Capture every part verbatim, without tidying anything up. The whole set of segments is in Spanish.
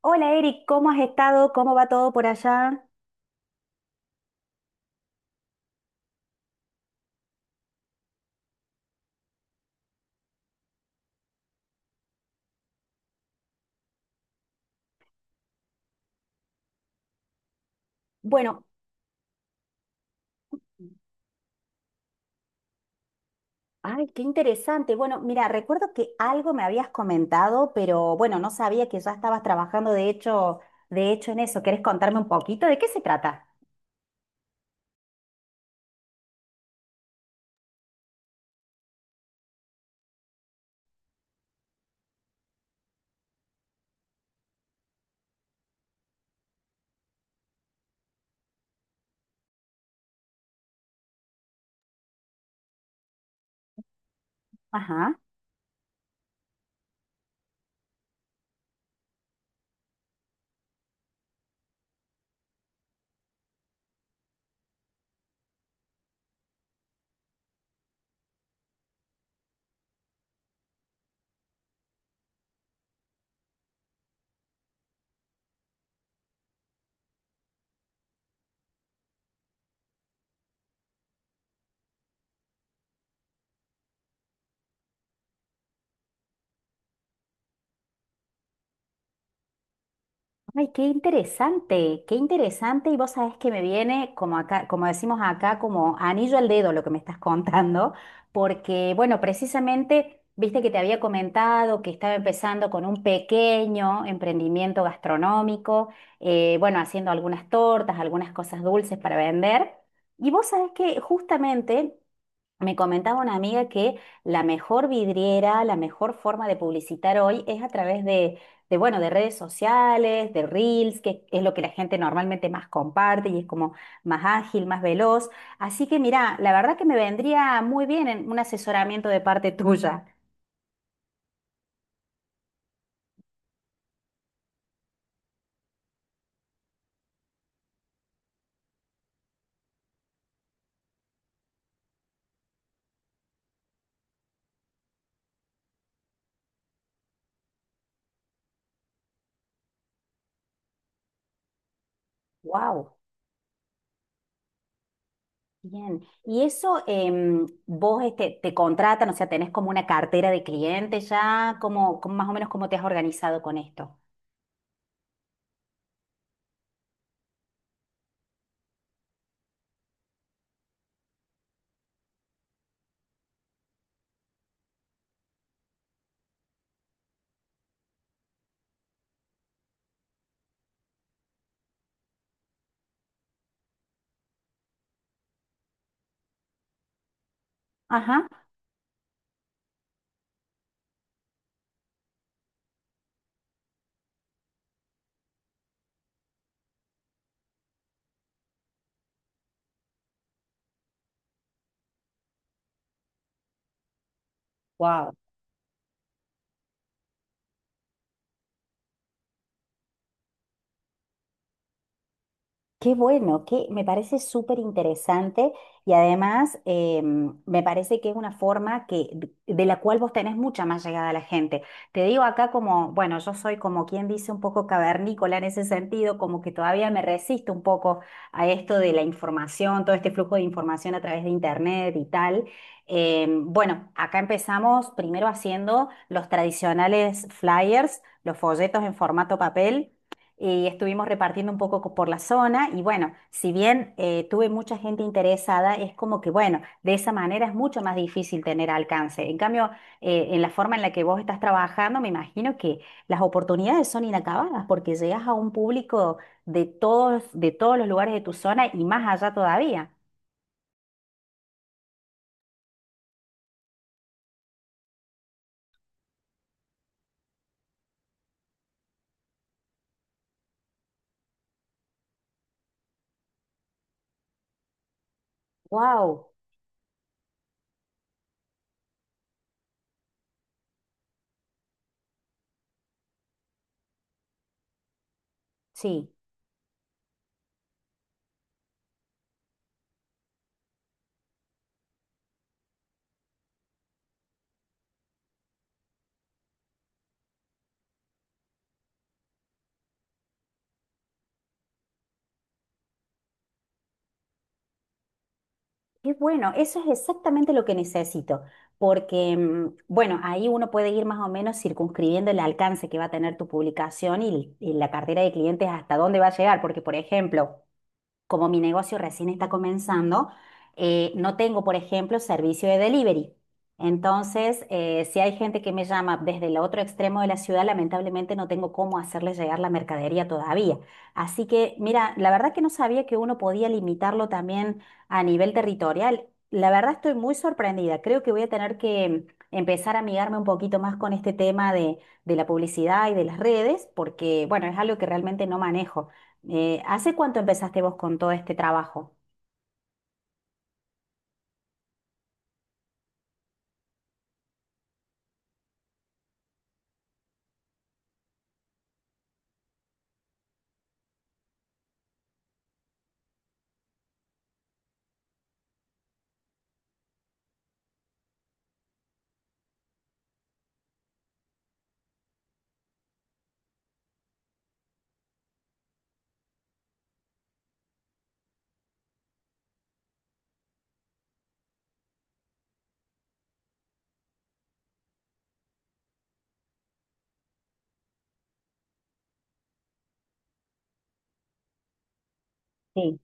Hola Eric, ¿cómo has estado? ¿Cómo va todo por allá? Bueno, ay, qué interesante. Bueno, mira, recuerdo que algo me habías comentado, pero bueno, no sabía que ya estabas trabajando de hecho, de hecho en eso. ¿Querés contarme un poquito de qué se trata? Ajá. Ay, qué interesante, qué interesante. Y vos sabés que me viene, como acá, como decimos acá, como anillo al dedo lo que me estás contando, porque, bueno, precisamente, viste que te había comentado que estaba empezando con un pequeño emprendimiento gastronómico, eh, bueno, haciendo algunas tortas, algunas cosas dulces para vender. Y vos sabés que justamente me comentaba una amiga que la mejor vidriera, la mejor forma de publicitar hoy es a través de, de, bueno, de redes sociales, de reels, que es lo que la gente normalmente más comparte y es como más ágil, más veloz. Así que mira, la verdad que me vendría muy bien en un asesoramiento de parte tuya. Wow, bien. ¿Y eso em, vos este, te contratan, o sea, tenés como una cartera de clientes ya? ¿Cómo, cómo- más o menos cómo te has organizado con esto? Ajá. Wow. Qué bueno, que me parece súper interesante y además eh, me parece que es una forma que, de de la cual vos tenés mucha más llegada a la gente. Te digo acá como, bueno, yo soy como quien dice un poco cavernícola en ese sentido, como que todavía me resisto un poco a esto de la información, todo este flujo de información a través de internet y tal. Eh, bueno, acá empezamos primero haciendo los tradicionales flyers, los folletos en formato papel y estuvimos repartiendo un poco co- por la zona y bueno, si bien eh, tuve mucha gente interesada, es como que bueno, de esa manera es mucho más difícil tener alcance. En cambio, eh, en la forma en la que vos estás trabajando, me imagino que las oportunidades son inacabadas porque llegas a un público de todos, de todos los lugares de tu zona y más allá todavía. Wow, sí. Qué bueno, eso es exactamente lo que necesito, porque, mm, bueno, ahí uno puede ir más o menos circunscribiendo el alcance que va a tener tu publicación y, y la cartera de clientes hasta dónde va a llegar, porque, por ejemplo, como mi negocio recién está comenzando, eh, no tengo, por ejemplo, servicio de delivery. Entonces, eh, si hay gente que me llama desde el otro extremo de la ciudad, lamentablemente no tengo cómo hacerle llegar la mercadería todavía. Así que, mira, la verdad que no sabía que uno podía limitarlo también a nivel territorial. La verdad estoy muy sorprendida. Creo que voy a tener que empezar a amigarme un poquito más con este tema de, de la publicidad y de las redes, porque, bueno, es algo que realmente no manejo. Eh, ¿hace cuánto empezaste vos con todo este trabajo? Sí.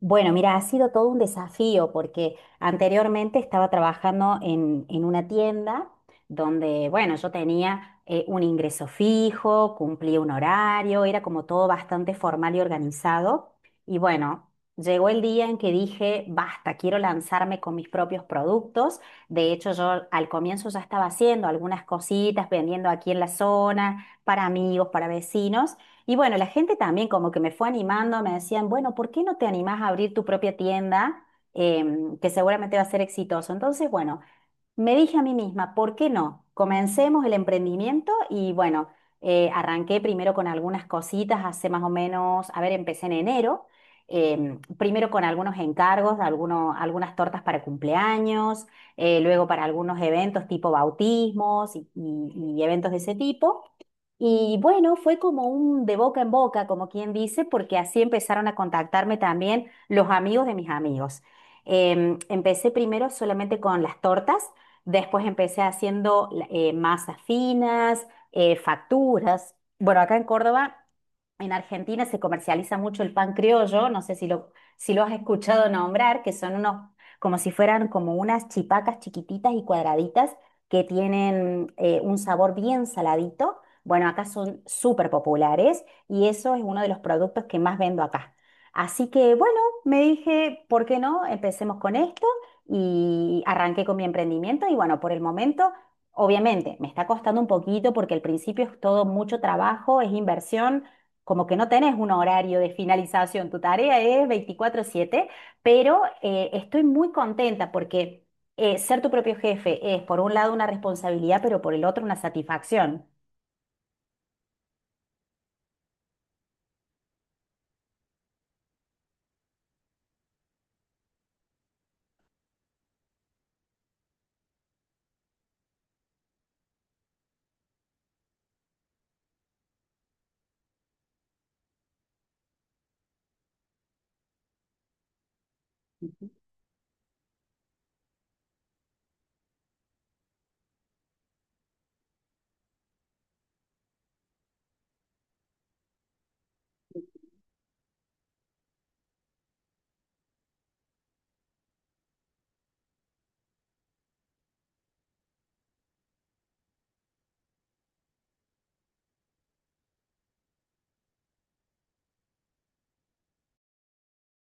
Bueno, mira, ha sido todo un desafío porque anteriormente estaba trabajando en, en una tienda donde, bueno, yo tenía eh, un ingreso fijo, cumplía un horario, era como todo bastante formal y organizado. Y bueno, llegó el día en que dije, basta, quiero lanzarme con mis propios productos. De hecho, yo al comienzo ya estaba haciendo algunas cositas, vendiendo aquí en la zona, para amigos, para vecinos. Y bueno, la gente también como que me fue animando, me decían, bueno, ¿por qué no te animás a abrir tu propia tienda em, que seguramente va a ser exitoso? Entonces, bueno, me dije a mí misma, ¿por qué no? Comencemos el emprendimiento y bueno, eh, arranqué primero con algunas cositas, hace más o menos, a ver, empecé en enero, em, primero con algunos encargos, alguno- algunas tortas para cumpleaños, eh, luego para algunos eventos tipo bautismos y y- y eventos de ese tipo. Y bueno, fue como un de boca en boca, como quien dice, porque así empezaron a contactarme también los amigos de mis amigos. Em, empecé primero solamente con las tortas, después empecé haciendo la- eh, masas finas, eh, facturas. Bueno, acá en Córdoba en Argentina se comercializa mucho el pan criollo, no sé si lo, si lo has escuchado nombrar, que son unos, como si fueran como unas chipacas chiquititas y cuadraditas que tienen eh, un sabor bien saladito. Bueno, acá son súper populares y eso es uno de los productos que más vendo acá. Así que bueno, me dije, ¿por qué no? Empecemos con esto y arranqué con mi emprendimiento y bueno, por el momento, obviamente, me está costando un poquito porque al principio es todo mucho trabajo, es inversión como que no tenés un horario de finalización, tu tarea es veinticuatro siete, pero eh, estoy muy contenta porque eh, ser tu propio jefe es por un lado una responsabilidad, pero por el otro una satisfacción.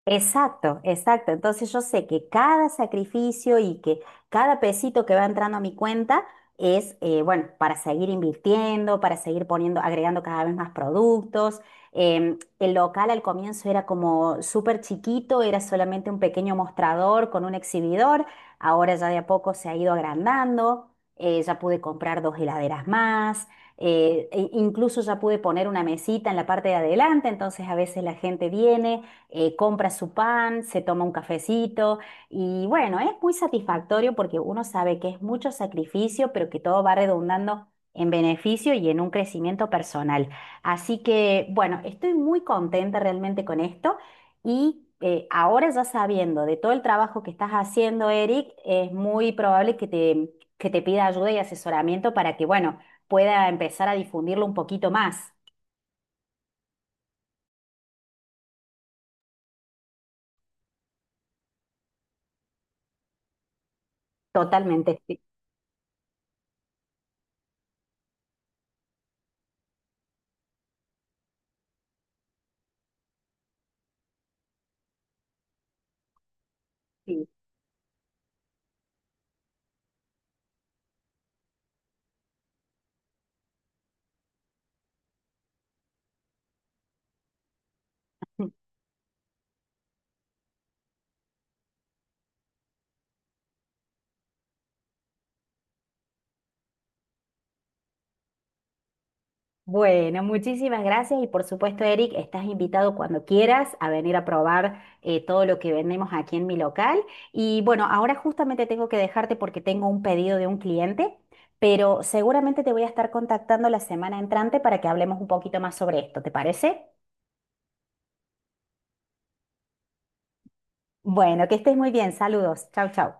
Exacto, exacto. Entonces yo sé que cada sacrificio y que cada pesito que va entrando a mi cuenta es, eh, bueno, para seguir invirtiendo, para seguir poniendo, agregando cada vez más productos. Em, el local al comienzo era como súper chiquito, era solamente un pequeño mostrador con un exhibidor. Ahora ya de a poco se ha ido agrandando. Eh, ya pude comprar dos heladeras más. Eh, e incluso ya pude poner una mesita en la parte de adelante, entonces a veces la gente viene eh, compra su pan, se toma un cafecito y bueno, es muy satisfactorio porque uno sabe que es mucho sacrificio, pero que todo va redundando en beneficio y en un crecimiento personal. Así que bueno, estoy muy contenta realmente con esto y... eh, ahora ya sabiendo de todo el trabajo que estás haciendo, Eric, es muy probable que te, que te pida ayuda y asesoramiento para que, bueno, pueda empezar a difundirlo un poquito más. Totalmente. Sí, sí. Bueno, muchísimas gracias y por supuesto, Eric, estás invitado cuando quieras a venir a probar eh, todo lo que vendemos aquí en mi local. Y bueno, ahora justamente tengo que dejarte porque tengo un pedido de un cliente, pero seguramente te voy a estar contactando la semana entrante para que hablemos un poquito más sobre esto, ¿te parece? Bueno, que estés muy bien, saludos, chau, chau.